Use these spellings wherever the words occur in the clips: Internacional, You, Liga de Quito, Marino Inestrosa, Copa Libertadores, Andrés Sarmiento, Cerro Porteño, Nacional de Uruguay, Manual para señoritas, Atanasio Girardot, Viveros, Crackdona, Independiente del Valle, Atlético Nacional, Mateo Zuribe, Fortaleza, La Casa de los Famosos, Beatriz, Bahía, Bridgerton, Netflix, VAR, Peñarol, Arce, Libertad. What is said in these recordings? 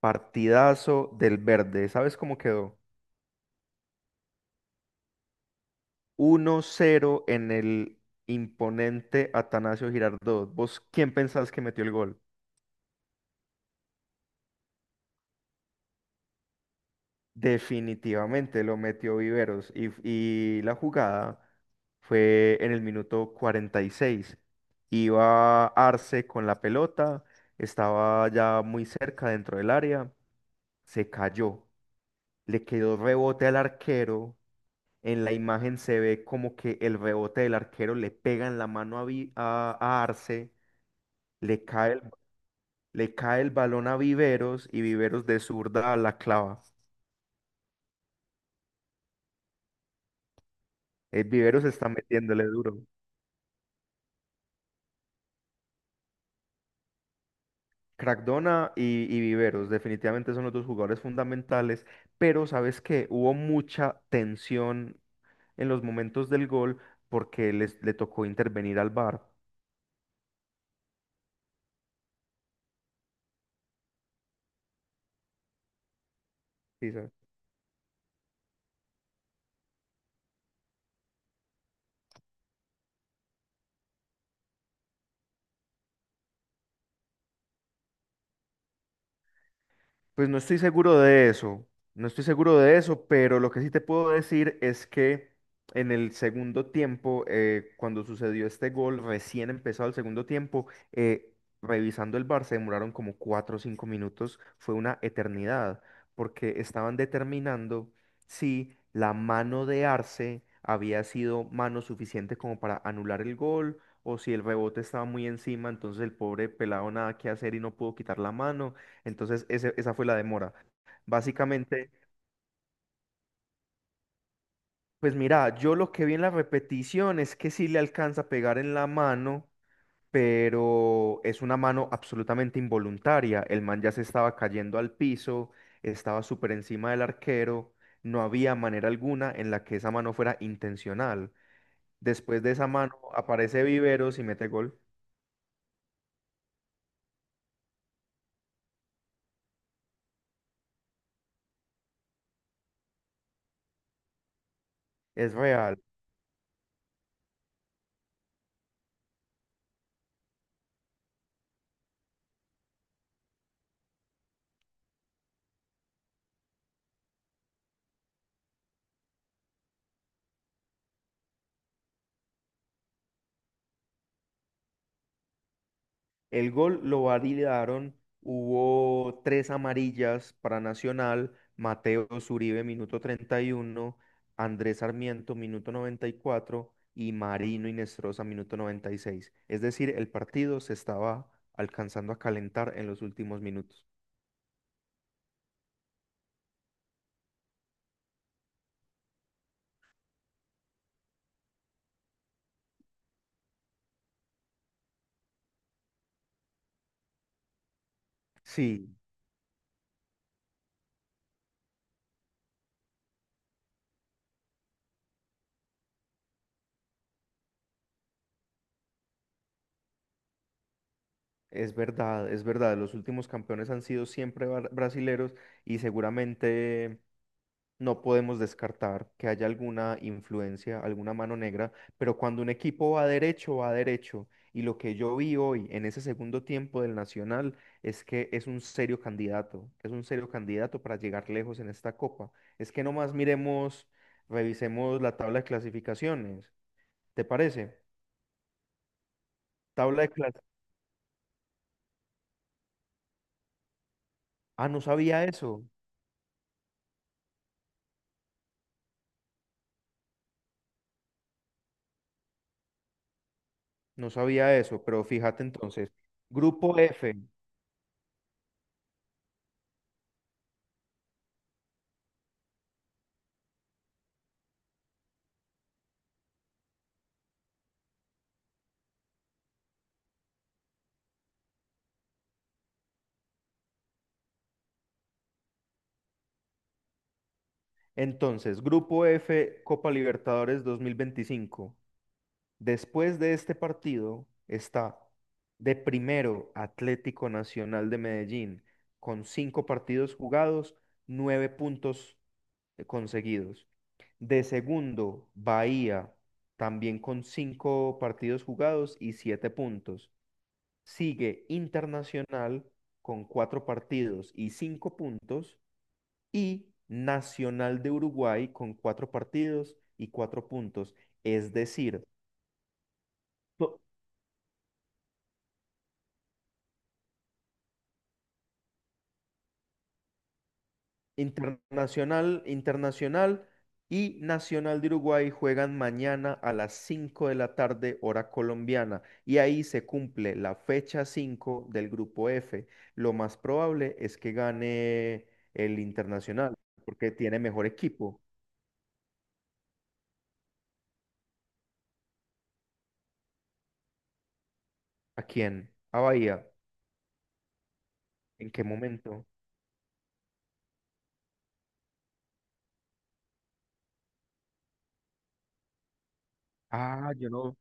Partidazo del Verde. ¿Sabes cómo quedó? 1-0 en el imponente Atanasio Girardot. ¿Vos quién pensás que metió el gol? Definitivamente lo metió Viveros. Y la jugada fue en el minuto 46. Iba Arce con la pelota, estaba ya muy cerca dentro del área, se cayó, le quedó rebote al arquero. En la imagen se ve como que el rebote del arquero le pega en la mano a, a Arce, le cae el, le cae el balón a Viveros y Viveros de zurda la clava. Viveros está metiéndole duro. Crackdona y Viveros definitivamente son los dos jugadores fundamentales, pero sabes que hubo mucha tensión en los momentos del gol porque le tocó intervenir al VAR. Sí. Pues no estoy seguro de eso, no estoy seguro de eso, pero lo que sí te puedo decir es que en el segundo tiempo, cuando sucedió este gol, recién empezado el segundo tiempo, revisando el bar se demoraron como 4 o 5 minutos, fue una eternidad, porque estaban determinando si la mano de Arce había sido mano suficiente como para anular el gol, o si el rebote estaba muy encima, entonces el pobre pelado nada que hacer y no pudo quitar la mano. Entonces, esa fue la demora. Básicamente, pues mira, yo lo que vi en la repetición es que sí le alcanza a pegar en la mano, pero es una mano absolutamente involuntaria. El man ya se estaba cayendo al piso, estaba súper encima del arquero, no había manera alguna en la que esa mano fuera intencional. Después de esa mano aparece Viveros y mete gol. Es real. El gol lo validaron, hubo tres amarillas para Nacional, Mateo Zuribe, minuto 31, Andrés Sarmiento, minuto 94 y cuatro, y Marino Inestrosa, minuto 96. Es decir, el partido se estaba alcanzando a calentar en los últimos minutos. Sí, es verdad, es verdad. Los últimos campeones han sido siempre brasileros y seguramente no podemos descartar que haya alguna influencia, alguna mano negra, pero cuando un equipo va derecho, va derecho. Y lo que yo vi hoy en ese segundo tiempo del Nacional es que es un serio candidato, es un serio candidato para llegar lejos en esta copa. Es que nomás miremos, revisemos la tabla de clasificaciones. ¿Te parece? Tabla de clas- Ah, no sabía eso, no sabía eso, pero fíjate entonces. Grupo F, entonces, Grupo F, Copa Libertadores 2025. Después de este partido está de primero Atlético Nacional de Medellín, con cinco partidos jugados, nueve puntos conseguidos. De segundo, Bahía, también con cinco partidos jugados y siete puntos. Sigue Internacional con cuatro partidos y cinco puntos. Y Nacional de Uruguay con cuatro partidos y cuatro puntos. Es decir, to- Internacional, Internacional y Nacional de Uruguay juegan mañana a las 5 de la tarde, hora colombiana, y ahí se cumple la fecha 5 del grupo F. Lo más probable es que gane el Internacional, porque tiene mejor equipo. ¿A quién? ¿A Bahía? ¿En qué momento? Ah, yo no.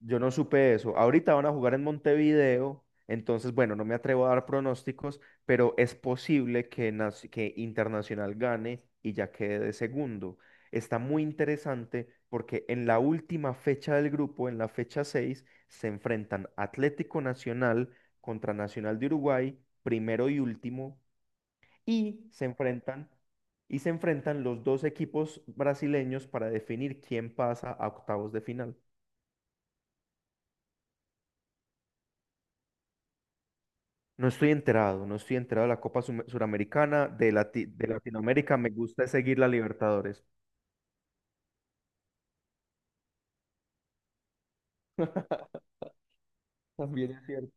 Yo no supe eso. Ahorita van a jugar en Montevideo, entonces, bueno, no me atrevo a dar pronósticos, pero es posible que, Internacional gane y ya quede de segundo. Está muy interesante porque en la última fecha del grupo, en la fecha 6, se enfrentan Atlético Nacional contra Nacional de Uruguay, primero y último, y se enfrentan, y se enfrentan los dos equipos brasileños para definir quién pasa a octavos de final. No estoy enterado, no estoy enterado de la Suramericana, de, de Latinoamérica, me gusta seguir la Libertadores. También es cierto.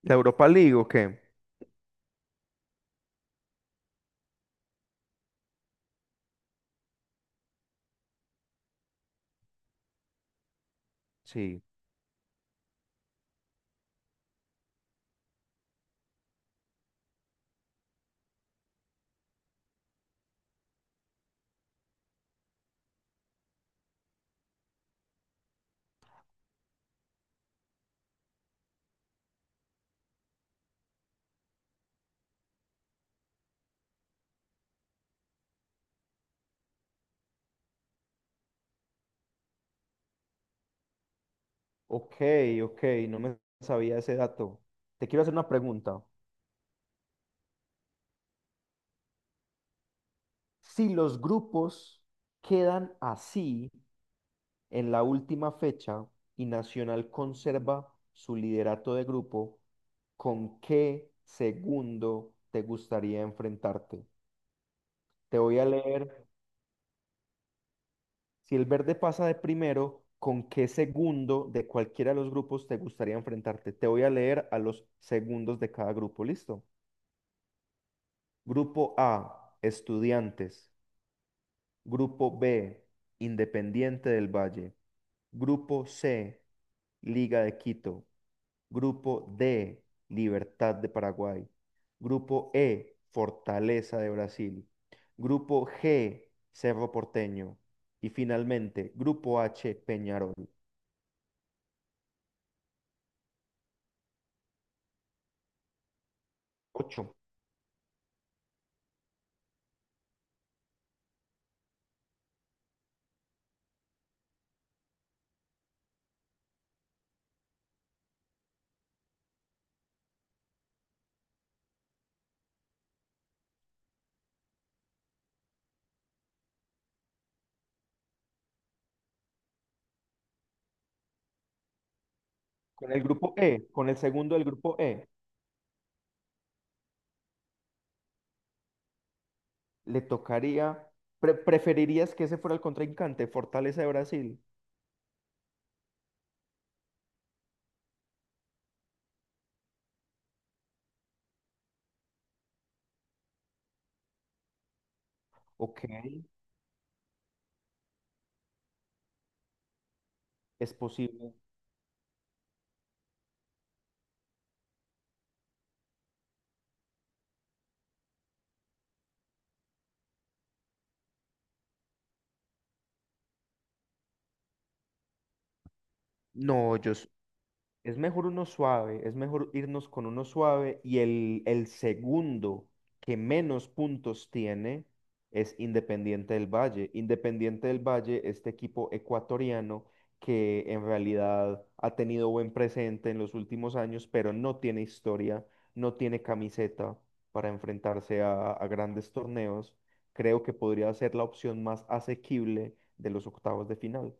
¿La Europa League o qué? Sí. Ok, ok, no me sabía ese dato. Te quiero hacer una pregunta. Si los grupos quedan así en la última fecha y Nacional conserva su liderato de grupo, ¿con qué segundo te gustaría enfrentarte? Te voy a leer Si el verde pasa de primero, ¿con qué segundo de cualquiera de los grupos te gustaría enfrentarte? Te voy a leer a los segundos de cada grupo, ¿listo? Grupo A, estudiantes. Grupo B, Independiente del Valle. Grupo C, Liga de Quito. Grupo D, Libertad de Paraguay. Grupo E, Fortaleza de Brasil. Grupo G, Cerro Porteño. Y finalmente, Grupo H, Peñarol. Ocho. Con el grupo E, con el segundo del grupo E, le tocaría. ¿Preferirías que ese fuera el contrincante, Fortaleza de Brasil? Ok, es posible. No, yo Es mejor uno suave, es mejor irnos con uno suave y el segundo que menos puntos tiene es Independiente del Valle. Independiente del Valle, este equipo ecuatoriano que en realidad ha tenido buen presente en los últimos años, pero no tiene historia, no tiene camiseta para enfrentarse a grandes torneos. Creo que podría ser la opción más asequible de los octavos de final.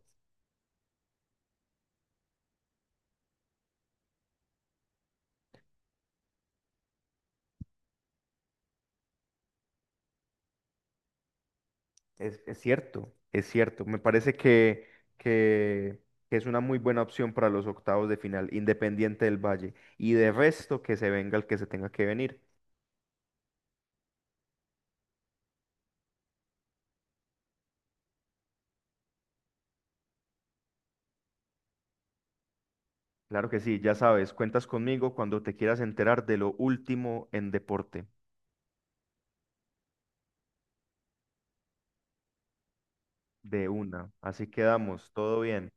Es cierto, es cierto. Me parece que, que es una muy buena opción para los octavos de final, Independiente del Valle. Y de resto, que se venga el que se tenga que venir. Claro que sí, ya sabes, cuentas conmigo cuando te quieras enterar de lo último en deporte, de una. Así quedamos, todo bien.